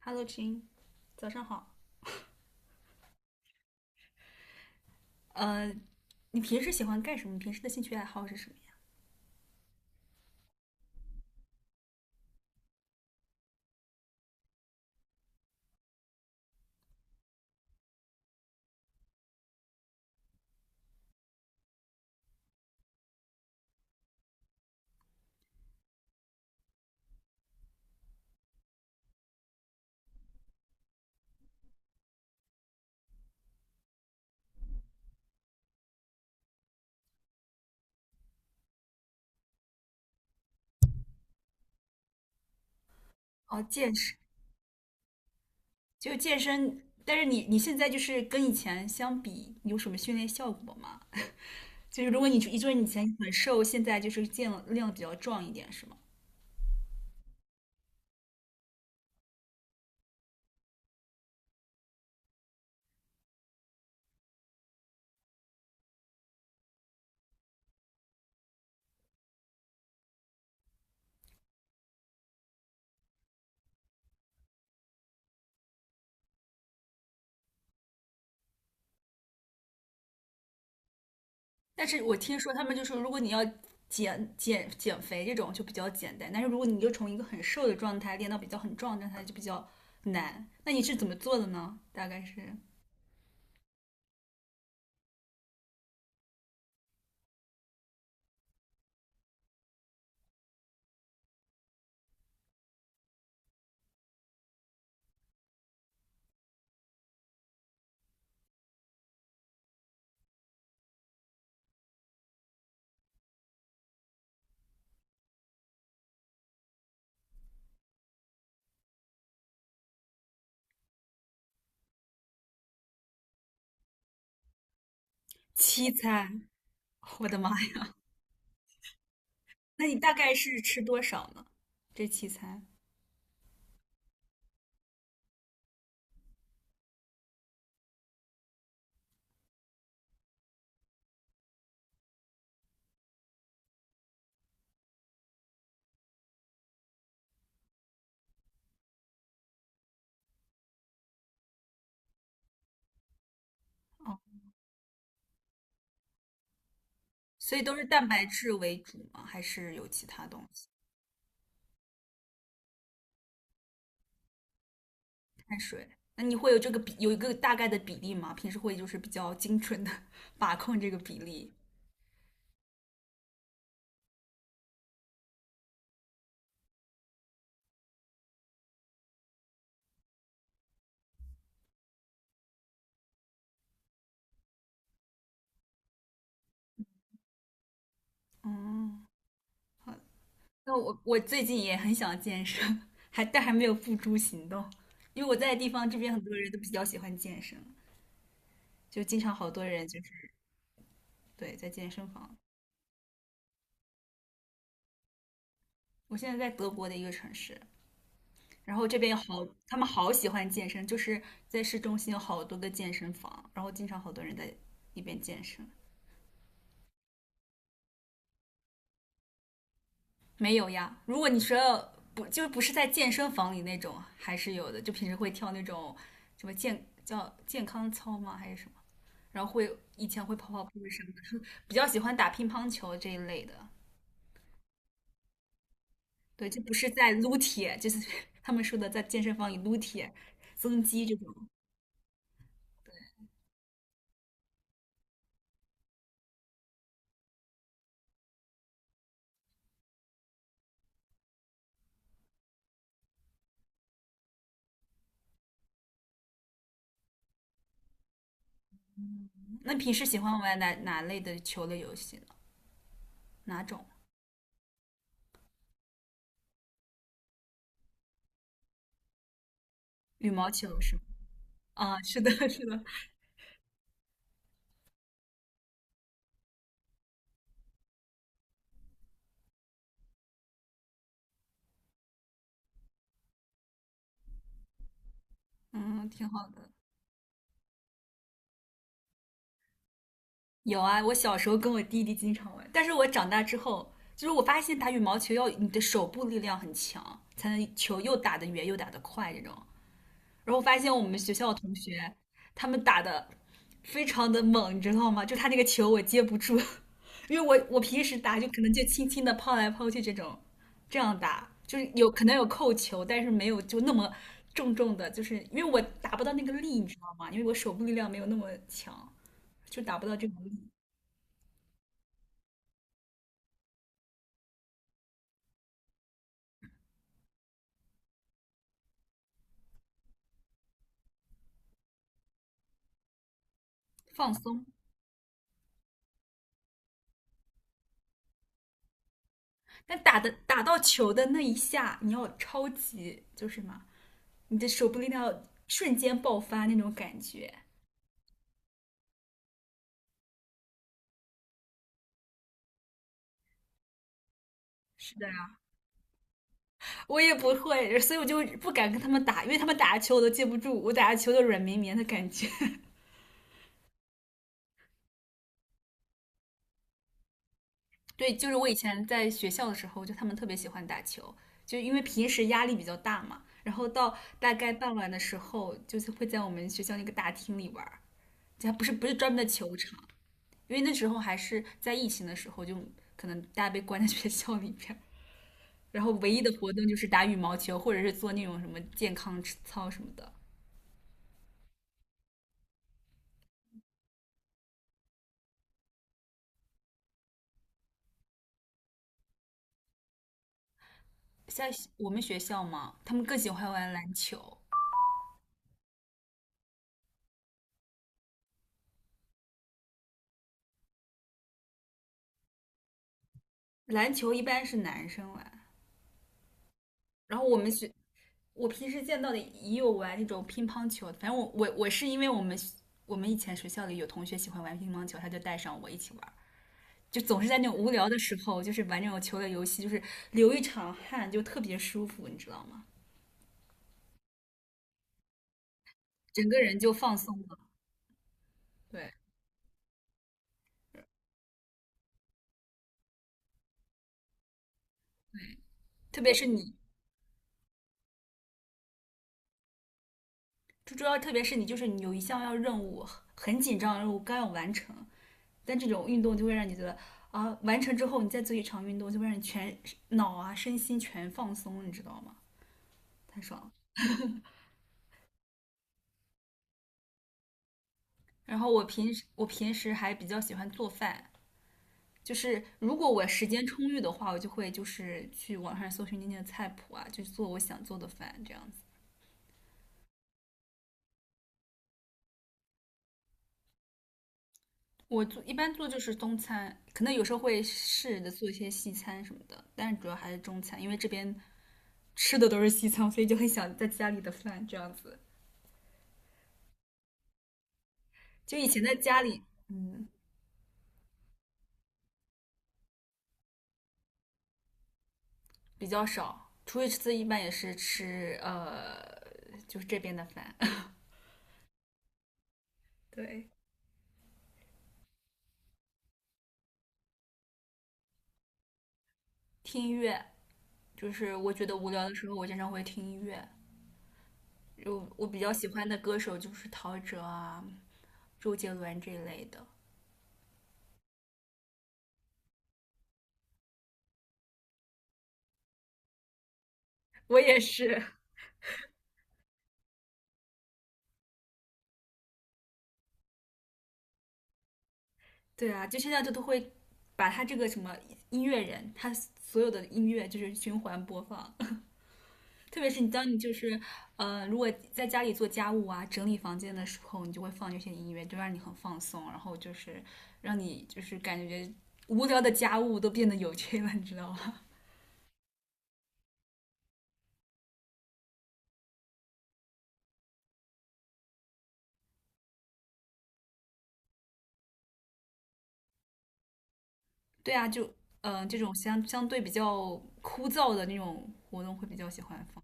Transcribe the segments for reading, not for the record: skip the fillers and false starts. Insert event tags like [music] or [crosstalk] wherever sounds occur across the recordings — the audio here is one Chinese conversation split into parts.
Hello，亲，早上好。呃，你平时喜欢干什么？平时的兴趣爱好是什么呀？哦，健身，就健身。但是你现在就是跟以前相比，有什么训练效果吗？就是如果就是你以前很瘦，现在就是见了量比较壮一点，是吗？但是我听说他们就说，如果你要减肥这种就比较简单，但是如果你就从一个很瘦的状态练到比较很壮的状态就比较难。那你是怎么做的呢？大概是七餐，我的妈呀！那你大概是吃多少呢？这七餐？哦，所以都是蛋白质为主吗？还是有其他东西？碳水？那你会有这个比，有一个大概的比例吗？平时会就是比较精准的 [laughs] 把控这个比例。嗯，好。那我最近也很想健身，[laughs] 还没有付诸行动，因为我在的地方这边很多人都比较喜欢健身，就经常好多人就是对在健身房。我现在在德国的一个城市，然后这边他们好喜欢健身，就是在市中心有好多个健身房，然后经常好多人在那边健身。没有呀，如果你说不是在健身房里那种，还是有的，就平时会跳那种什么叫健康操吗？还是什么？然后以前会跑跑步什么的，[laughs] 比较喜欢打乒乓球这一类的。对，就不是在撸铁，就是 [laughs] 他们说的在健身房里撸铁、增肌这种。那平时喜欢玩哪类的球类游戏呢？哪种？羽毛球是吗？啊，是的，[laughs] 是的，嗯，挺好的。有啊，我小时候跟我弟弟经常玩，但是我长大之后，就是我发现打羽毛球要你的手部力量很强，才能球又打得远又打得快这种。然后我发现我们学校的同学他们打的非常的猛，你知道吗？就他那个球我接不住，[laughs] 因为我平时打就可能就轻轻的抛来抛去这种，这样打就是有可能有扣球，但是没有就那么重重的，就是因为我打不到那个力，你知道吗？因为我手部力量没有那么强，就达不到这种力放松。但打到球的那一下，你要超级就是嘛，你的手部力量要瞬间爆发那种感觉。是的呀，我也不会，所以我就不敢跟他们打，因为他们打球我都接不住，我打球都软绵绵的感觉。[laughs] 对，就是我以前在学校的时候，就他们特别喜欢打球，就因为平时压力比较大嘛，然后到大概傍晚的时候，就是会在我们学校那个大厅里玩儿，就还不是专门的球场，因为那时候还是在疫情的时候，就可能大家被关在学校里边儿，然后唯一的活动就是打羽毛球，或者是做那种什么健康操什么的。像我们学校嘛，他们更喜欢玩篮球，篮球一般是男生玩，然后我们学我平时见到的也有玩那种乒乓球，反正我是因为我们以前学校里有同学喜欢玩乒乓球，他就带上我一起玩，就总是在那种无聊的时候，就是玩这种球类游戏，就是流一场汗就特别舒服，你知道吗？整个人就放松了。对，特别是你，就主要特别是你，就是你有一项要任务很紧张，任务刚要完成，但这种运动就会让你觉得啊，完成之后你再做一场运动，就会让你全脑啊身心全放松，你知道吗？太爽了。然后我平时还比较喜欢做饭，就是如果我时间充裕的话，我就会就是去网上搜寻那些菜谱啊，就做我想做的饭这样子。一般做就是中餐，可能有时候会试着做一些西餐什么的，但是主要还是中餐，因为这边吃的都是西餐，所以就很想在家里的饭这样子。就以前在家里，嗯，比较少，出去吃一般也是吃就是这边的饭。[laughs] 对，听音乐。就是我觉得无聊的时候，我经常会听音乐。就我比较喜欢的歌手就是陶喆啊、周杰伦这一类的。我也是，对啊，就现在就都会把他这个什么音乐人，他所有的音乐就是循环播放。[laughs] 特别是你当你就是，如果在家里做家务啊、整理房间的时候，你就会放这些音乐，就让你很放松，然后就是让你就是感觉无聊的家务都变得有趣了，你知道吗？对啊，就这种相对比较枯燥的那种活动会比较喜欢放。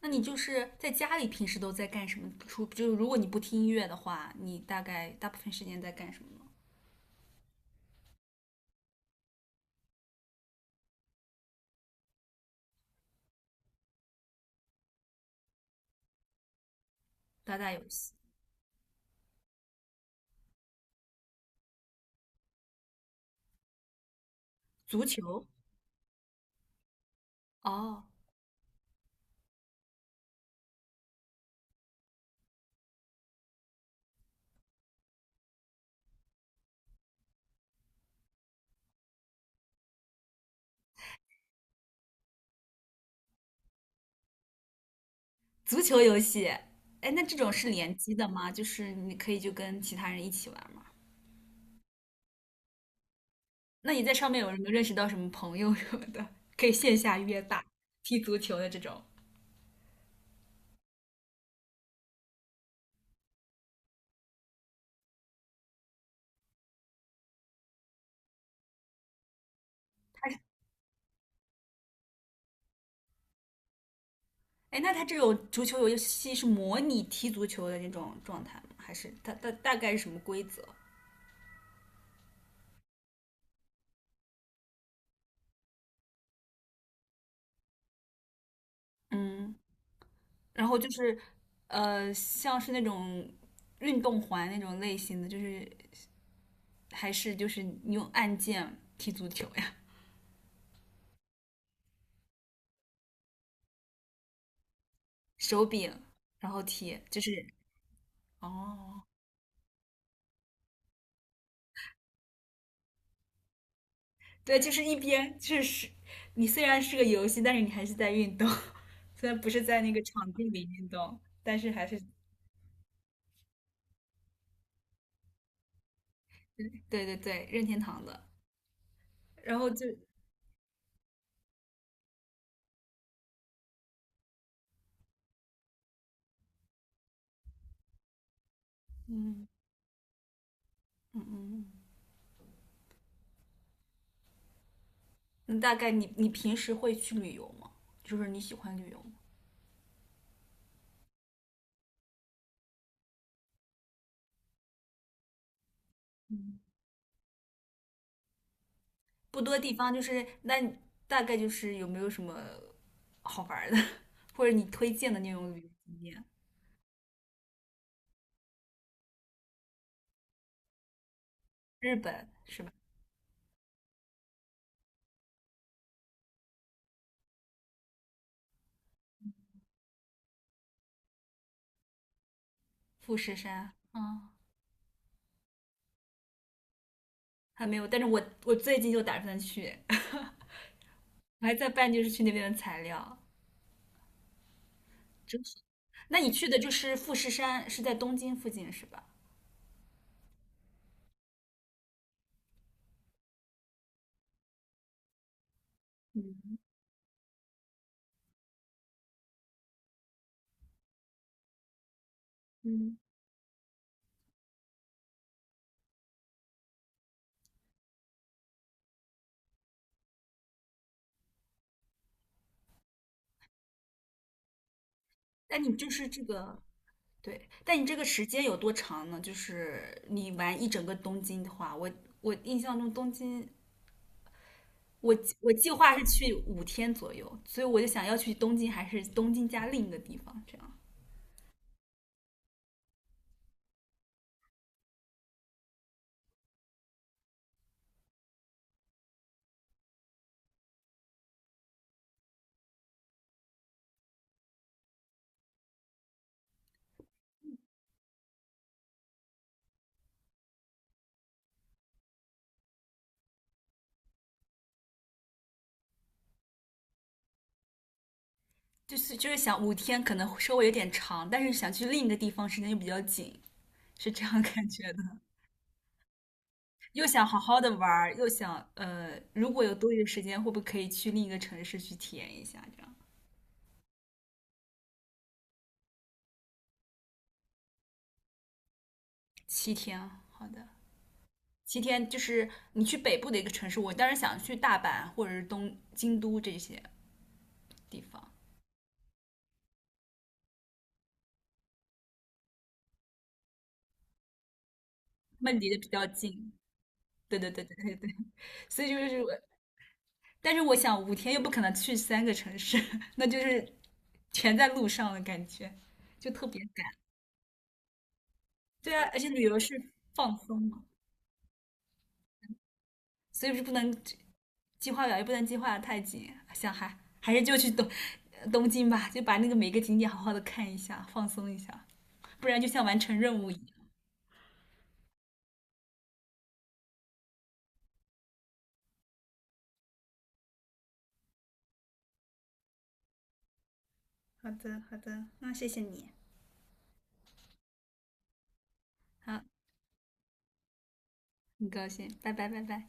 那你就是在家里平时都在干什么？就如果你不听音乐的话，你大概大部分时间在干什么呢打打游戏，足球哦，足球游戏。哎，那这种是联机的吗？就是你可以就跟其他人一起玩吗？那你在上面有没有认识到什么朋友什么的，可以线下约踢足球的这种？哎，那他这种足球游戏是模拟踢足球的那种状态吗？还是它大概是什么规则？嗯，然后就是像是那种运动环那种类型的，就是还是就是你用按键踢足球呀，[laughs] 手柄然后踢，就是哦，对，就是一边就是你虽然是个游戏，但是你还是在运动，[laughs] 虽然不是在那个场地里运动，但是还是对对对，任天堂的，然后就。嗯，嗯嗯嗯。大概你平时会去旅游吗？就是你喜欢旅游吗？嗯，不多地方，就是那你大概就是有没有什么好玩儿的，[laughs] 或者你推荐的那种旅游景点？日本是吧？富士山，啊，还没有，但是我最近就打算去，[laughs] 我还在办就是去那边的材料。真是，那你去的就是富士山，是在东京附近是吧？嗯嗯，那你就是这个对，但你这个时间有多长呢？就是你玩一整个东京的话，我印象中东京，我我计划是去五天左右，所以我就想要去东京，还是东京加另一个地方，这样就是想五天可能稍微有点长，但是想去另一个地方时间又比较紧，是这样感觉的。又想好好的玩儿，又想如果有多余的时间，会不会可以去另一个城市去体验一下？这样七天啊，好的。七天就是你去北部的一个城市，我当然想去大阪或者是东京都这些地方，他们离得比较近。对对对对对对，所以就是我，但是我想五天又不可能去3个城市，[laughs] 那就是全在路上的感觉，就特别赶。对啊，而且旅游是放松嘛，所以是不能计划表，也不能计划得太紧。想还是就去东京吧，就把那个每个景点好好的看一下，放松一下，不然就像完成任务一样。好的，好的，那谢谢你，好，很高兴，拜拜，拜拜。